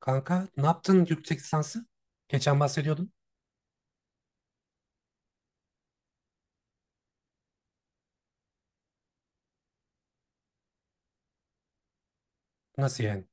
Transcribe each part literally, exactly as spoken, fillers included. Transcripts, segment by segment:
Kanka ne yaptın yüksek lisansı? Geçen bahsediyordun. Nasıl yani?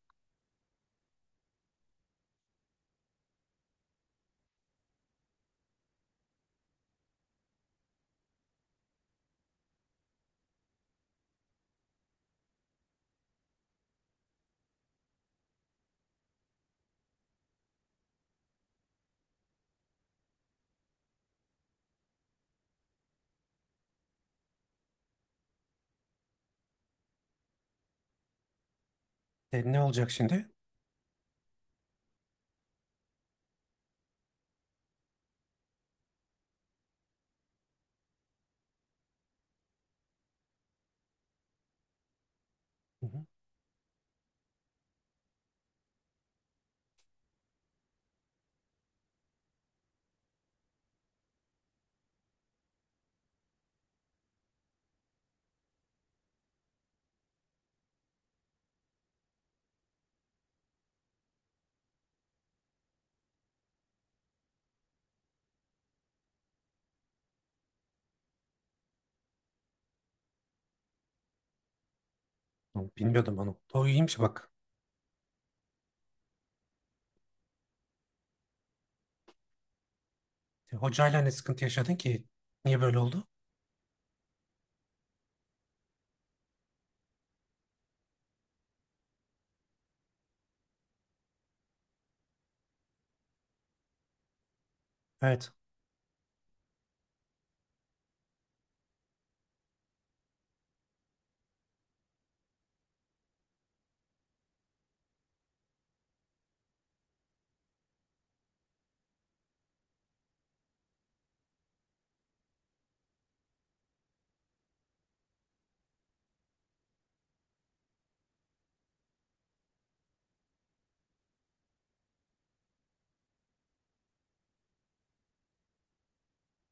E, ne olacak şimdi? Hı hı. Oğlum, bilmiyordum onu. O iyiymiş bak. E, hocayla ne sıkıntı yaşadın ki? Niye böyle oldu? Evet.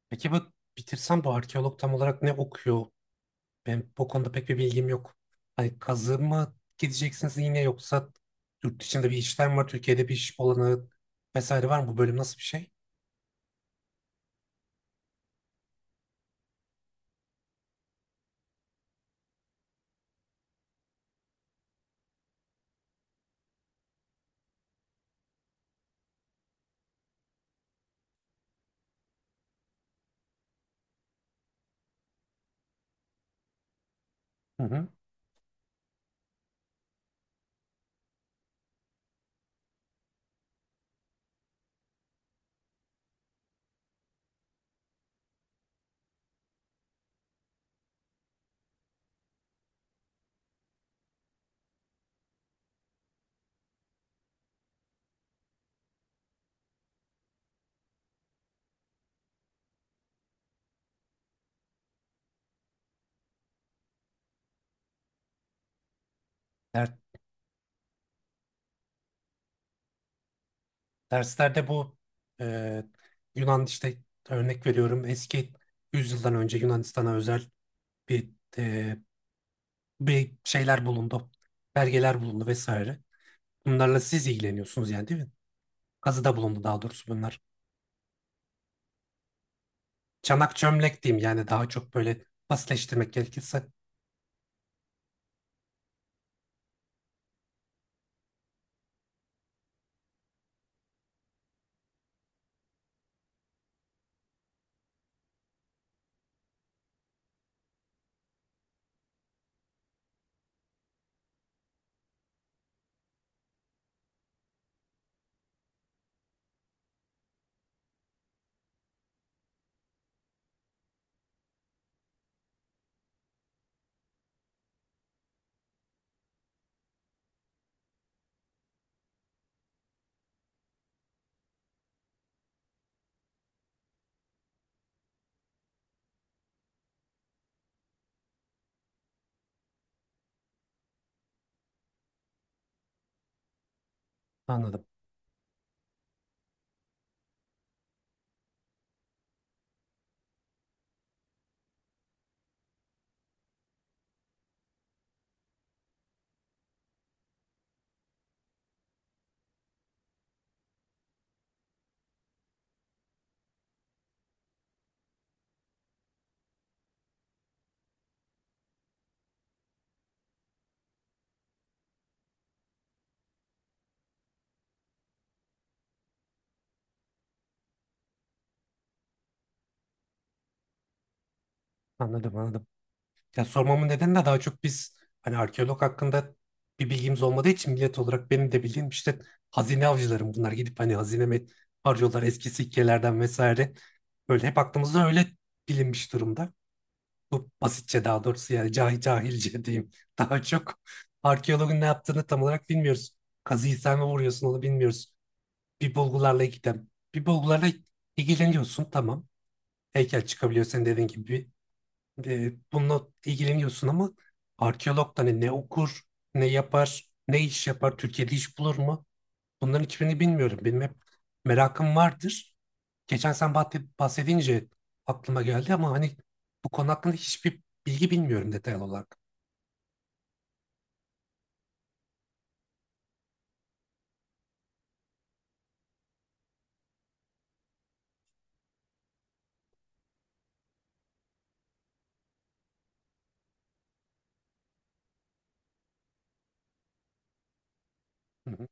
Peki bu bitirsem bu arkeolog tam olarak ne okuyor? Ben bu konuda pek bir bilgim yok. Hani kazı mı gideceksiniz yine yoksa yurt dışında bir işlem var, Türkiye'de bir iş olanı vesaire var mı? Bu bölüm nasıl bir şey? Hı hı. Der- Derslerde bu e, Yunan, işte örnek veriyorum, eski yüzyıldan önce Yunanistan'a özel bir, e, bir şeyler bulundu. Belgeler bulundu vesaire. Bunlarla siz ilgileniyorsunuz yani değil mi? Kazıda bulundu daha doğrusu bunlar. Çanak çömlek diyeyim yani, daha çok böyle basitleştirmek gerekirse. Anladım. Anladım anladım. Ya sormamın nedeni de, daha çok biz hani arkeolog hakkında bir bilgimiz olmadığı için millet olarak, benim de bildiğim işte hazine avcılarım bunlar, gidip hani hazine mi arıyorlar eski sikkelerden vesaire. Böyle hep aklımızda öyle bilinmiş durumda. Bu basitçe, daha doğrusu yani cahil cahilce diyeyim. Daha çok arkeologun ne yaptığını tam olarak bilmiyoruz. Kazıyı sen mi vuruyorsun onu bilmiyoruz. Bir bulgularla ilgilen. Bir bulgularla ilgileniyorsun tamam. Heykel çıkabiliyor senin dediğin gibi, e, bununla ilgileniyorsun ama arkeolog da hani ne okur, ne yapar, ne iş yapar, Türkiye'de iş bulur mu? Bunların hiçbirini bilmiyorum. Benim hep merakım vardır. Geçen sen bahse- bahsedince aklıma geldi ama hani bu konu hakkında hiçbir bilgi bilmiyorum detaylı olarak. Hı hı.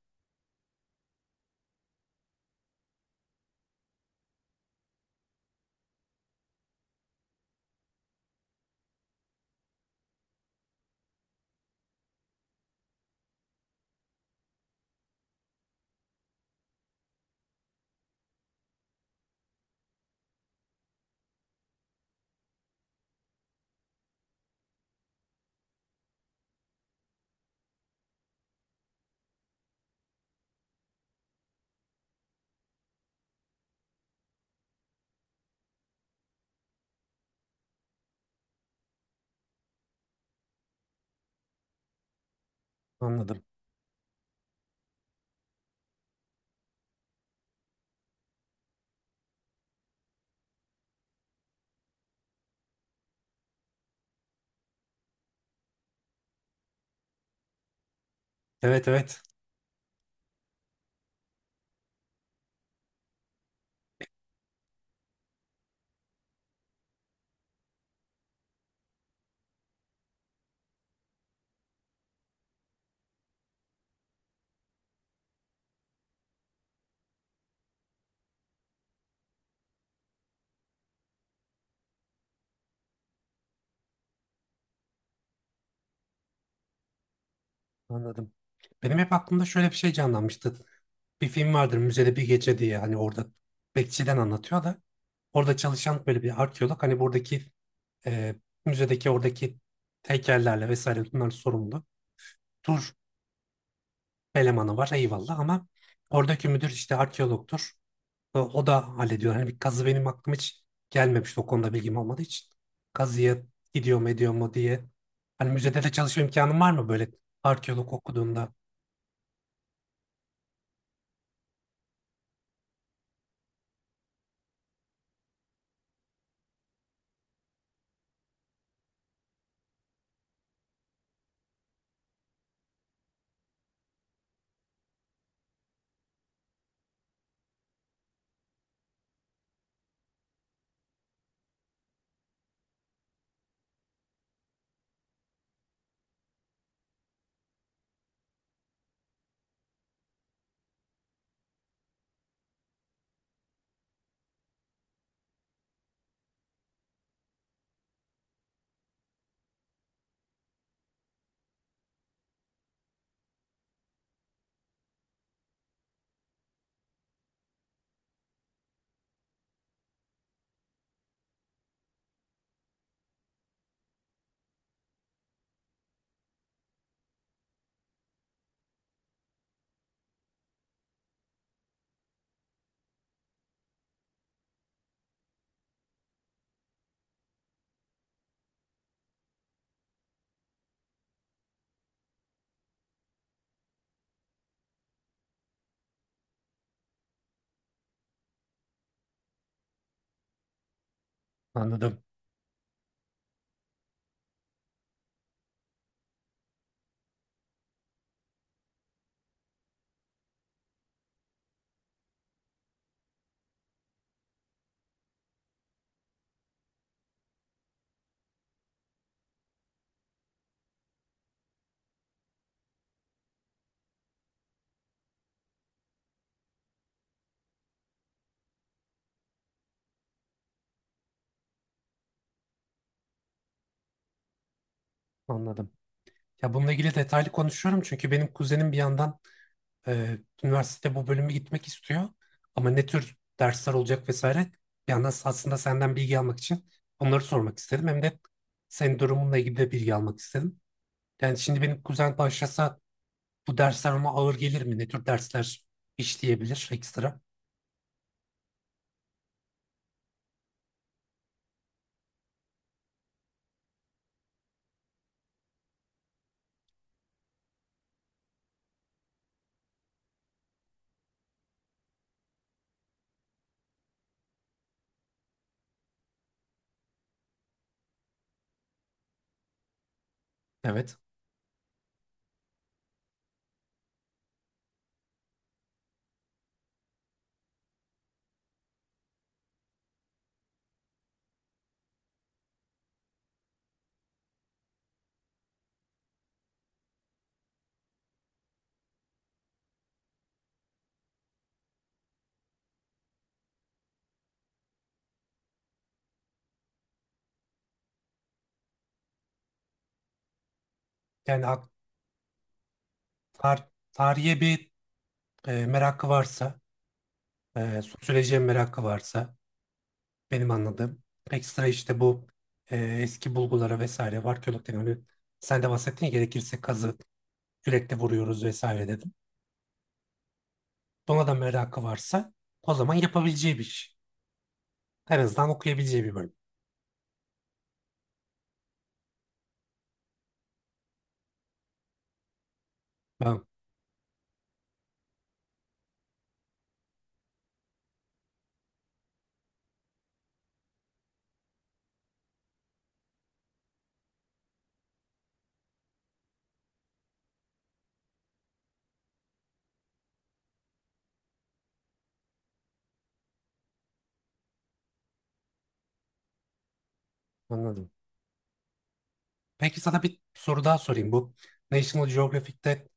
Anladım. Evet evet anladım. Benim hep aklımda şöyle bir şey canlanmıştı. Bir film vardır, müzede bir gece diye, hani orada bekçiden anlatıyor da, orada çalışan böyle bir arkeolog hani buradaki, e, müzedeki oradaki heykellerle vesaire, bunlar sorumlu. Tur elemanı var, eyvallah, ama oradaki müdür işte arkeologtur. O, o da hallediyor. Hani bir kazı benim aklıma hiç gelmemişti o konuda bilgim olmadığı için. Kazıya gidiyor mu, ediyor mu diye. Hani müzede de çalışma imkanım var mı böyle arkeolog okuduğunda? Anladım, anladım. Ya bununla ilgili detaylı konuşuyorum çünkü benim kuzenim bir yandan, Ee, üniversitede bu bölümü gitmek istiyor. Ama ne tür dersler olacak vesaire. Bir yandan aslında senden bilgi almak için onları sormak istedim. Hem de senin durumunla ilgili de bilgi almak istedim. Yani şimdi benim kuzen başlasa bu dersler ona ağır gelir mi? Ne tür dersler işleyebilir ekstra? Evet. Yani ak- tar- tarihe bir, e, merakı varsa, e, sosyolojiye merakı varsa, benim anladığım, ekstra işte bu, e, eski bulgulara vesaire var. Arkeologdan hani sen de bahsettin ya, gerekirse kazı kürekle vuruyoruz vesaire dedim. Buna da merakı varsa o zaman yapabileceği bir iş. En azından okuyabileceği bir bölüm. Tamam, anladım. Peki sana bir soru daha sorayım. Bu National Geographic'te,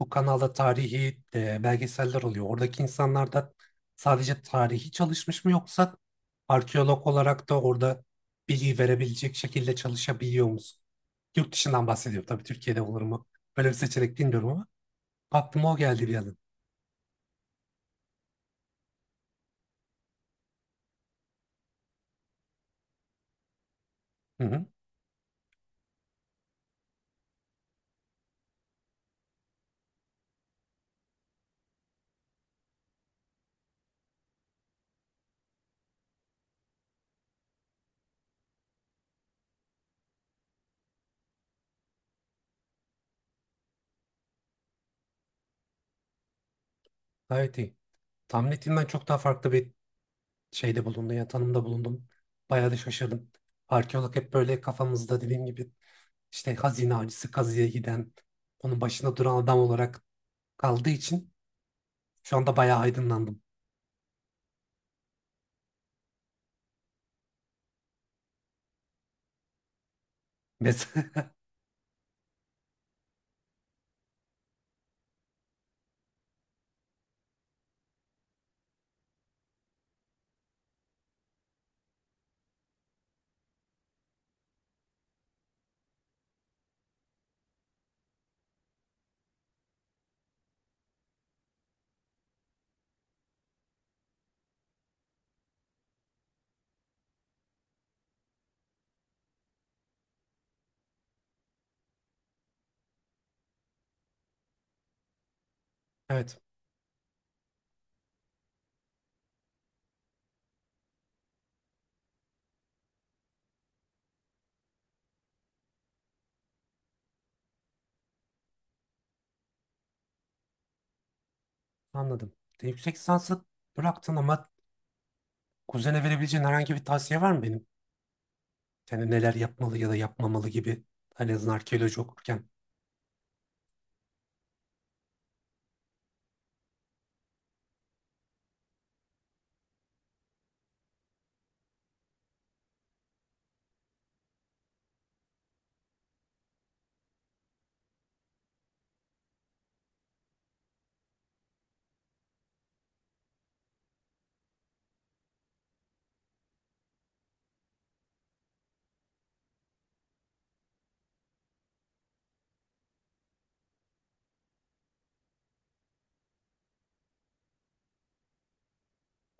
bu kanalda tarihi, e, belgeseller oluyor. Oradaki insanlar da sadece tarihi çalışmış mı, yoksa arkeolog olarak da orada bilgi verebilecek şekilde çalışabiliyor musun? Yurt dışından bahsediyorum. Tabii Türkiye'de olur mu? Böyle bir seçenek bilmiyorum ama aklıma o geldi bir an. Hı hı. Gayet iyi. Tahmin ettiğimden çok daha farklı bir şeyde bulundum ya, tanımda bulundum. Bayağı da şaşırdım. Arkeolog hep böyle kafamızda, dediğim gibi, işte hazine avcısı, kazıya giden, onun başında duran adam olarak kaldığı için şu anda bayağı aydınlandım. Mesela evet, anladım. De, yüksek lisansı bıraktın ama kuzene verebileceğin herhangi bir tavsiye var mı benim? Yani neler yapmalı ya da yapmamalı gibi. Hani en azından arkeoloji okurken.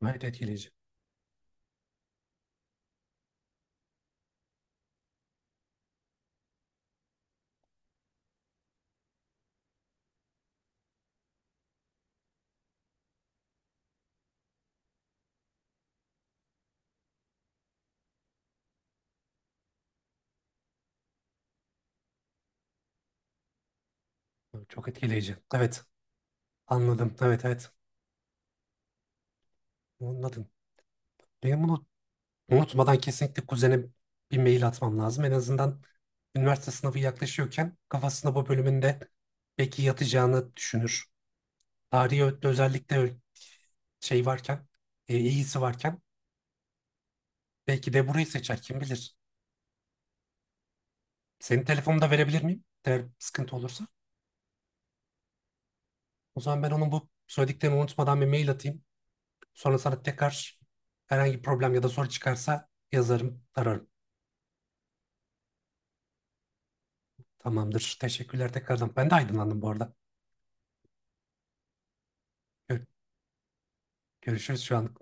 Evet, etkileyici. Çok etkileyici. Evet, anladım. Evet evet anladım. Benim bunu, unutmadan kesinlikle kuzene bir mail atmam lazım. En azından üniversite sınavı yaklaşıyorken kafasında bu bölümünde belki yatacağını düşünür. Tarihi ö- özellikle ö- şey varken, e, iyisi varken belki de burayı seçer kim bilir. Senin telefonunu da verebilir miyim? Eğer sıkıntı olursa. O zaman ben onun bu söylediklerini unutmadan bir mail atayım. Sonra sana tekrar herhangi bir problem ya da soru çıkarsa yazarım, ararım. Tamamdır. Teşekkürler tekrardan. Ben de aydınlandım bu arada. Gör- Görüşürüz şu an.